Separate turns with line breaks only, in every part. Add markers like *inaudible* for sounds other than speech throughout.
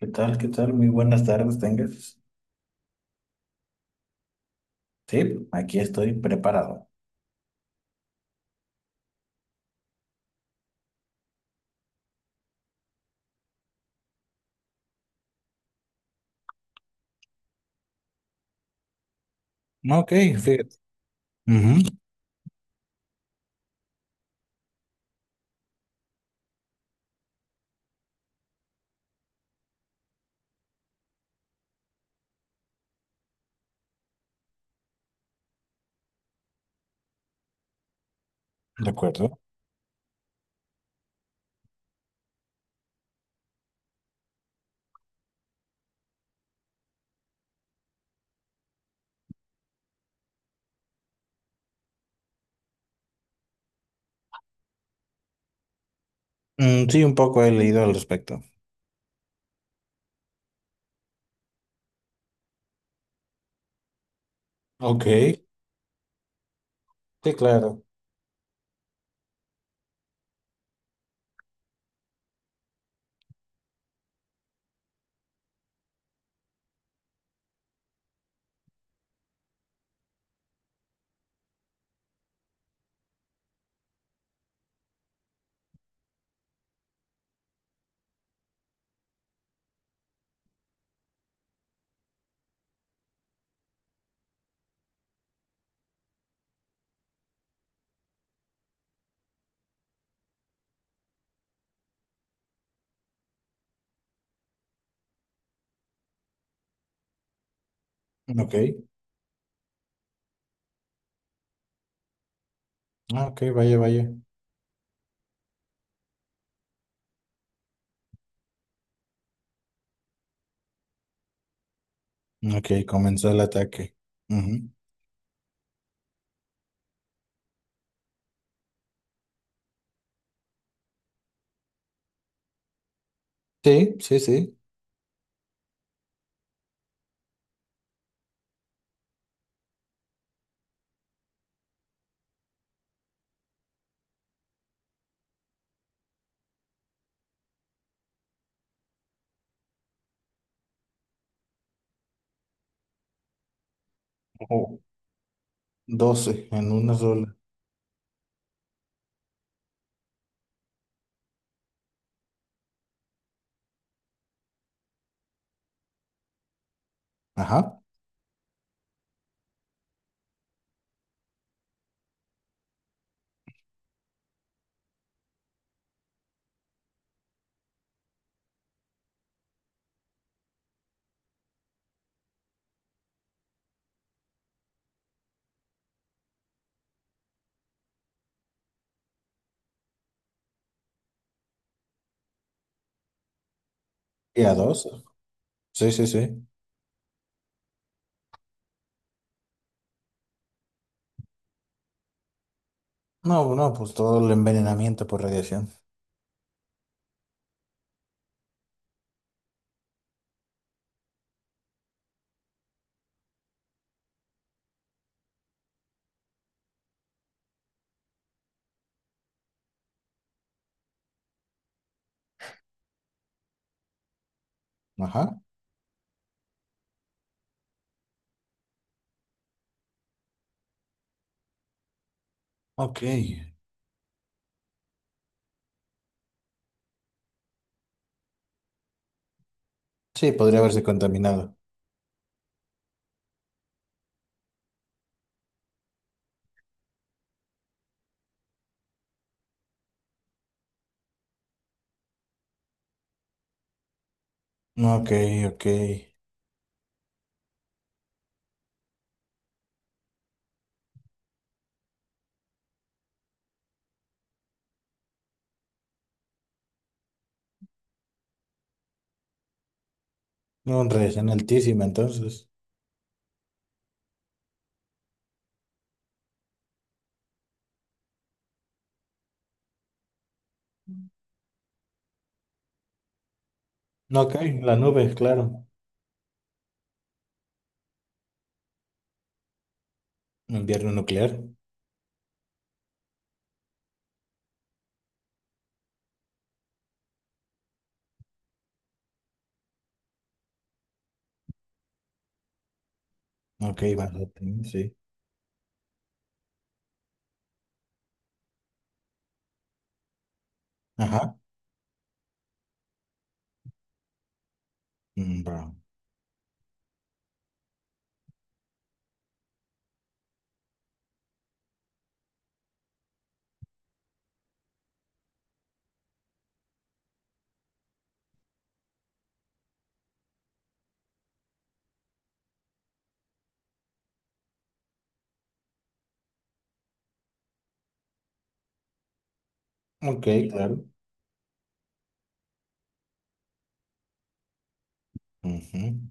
¿Qué tal? ¿Qué tal? Muy buenas tardes, tengas. Sí, aquí estoy preparado. Ok, fíjate. Ujú, de acuerdo. Mm, sí, un poco he leído al respecto. Ok, sí, claro. Ok, ah, ok, vaya, vaya. Ok, comenzó el ataque. Ujú. Sí, sí, sí. Oh, 12 en una sola. Ajá. Y a 12. Sí, sí, sí. No, no, pues todo el envenenamiento por radiación. Ajá. Ok. Sí, podría haberse contaminado. Ok, ok. No, en radiación altísima, entonces. No, ok, la nube, claro. Invierno nuclear. Ok, vale, sí. Ajá. Mm, bro. Ok, claro. Ujú.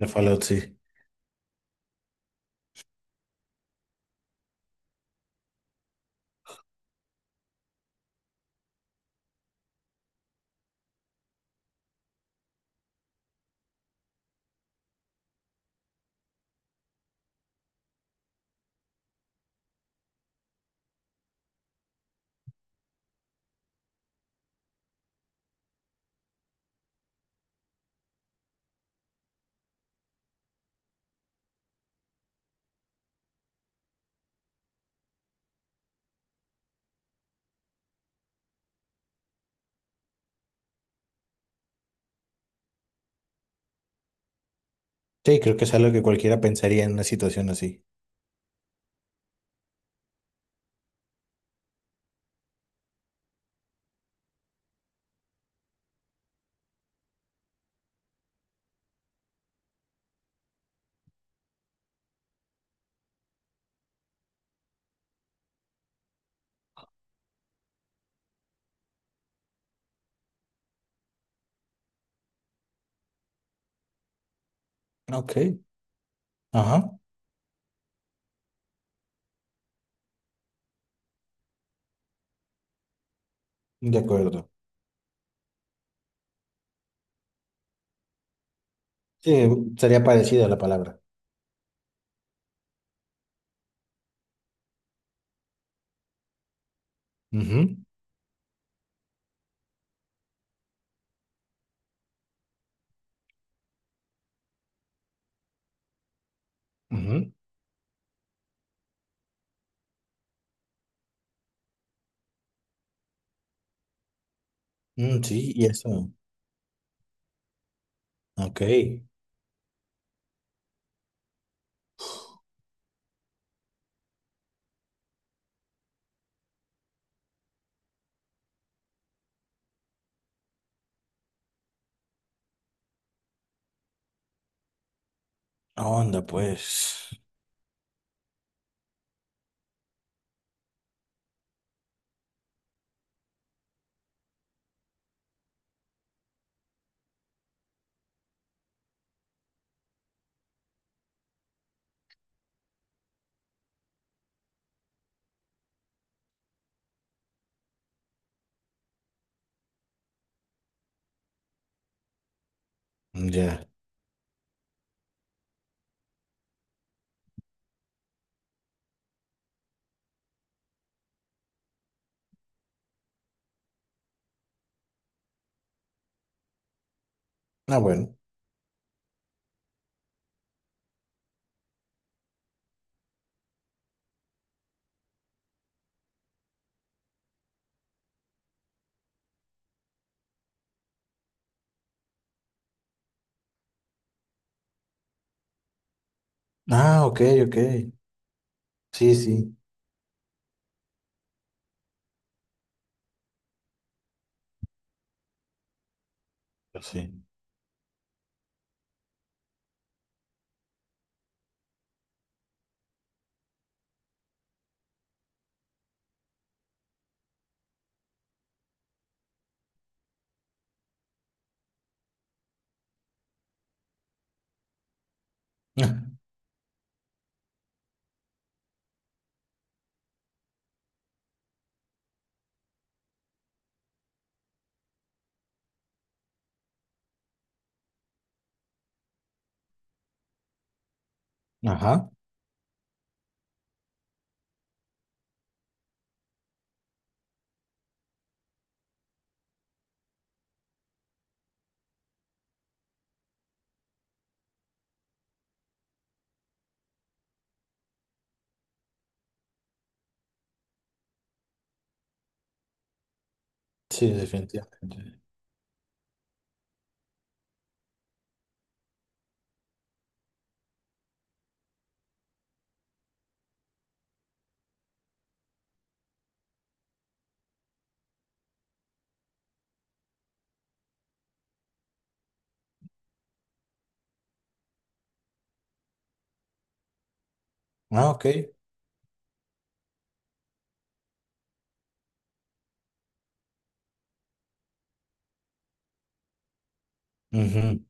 La Fallout, sí. Sí, creo que es algo que cualquiera pensaría en una situación así. Ok. Ajá. De acuerdo. Sí, sería parecida la palabra. Ujú, ujú. Mm, sí, y eso. Ok. Onda, pues. Ya. Ah, bueno. Ah, ok, ok. Sí, sí. Pues sí. *laughs* Ajá. Sí, definitivamente. Ah, ok. Ujú.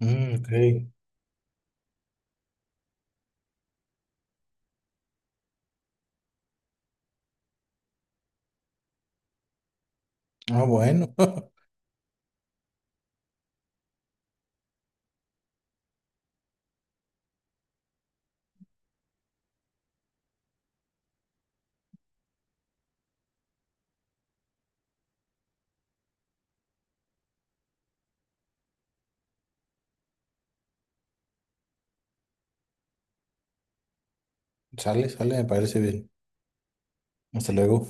Mm, ok. Ah, bueno. *laughs* Sale, sale, me parece bien. Hasta luego.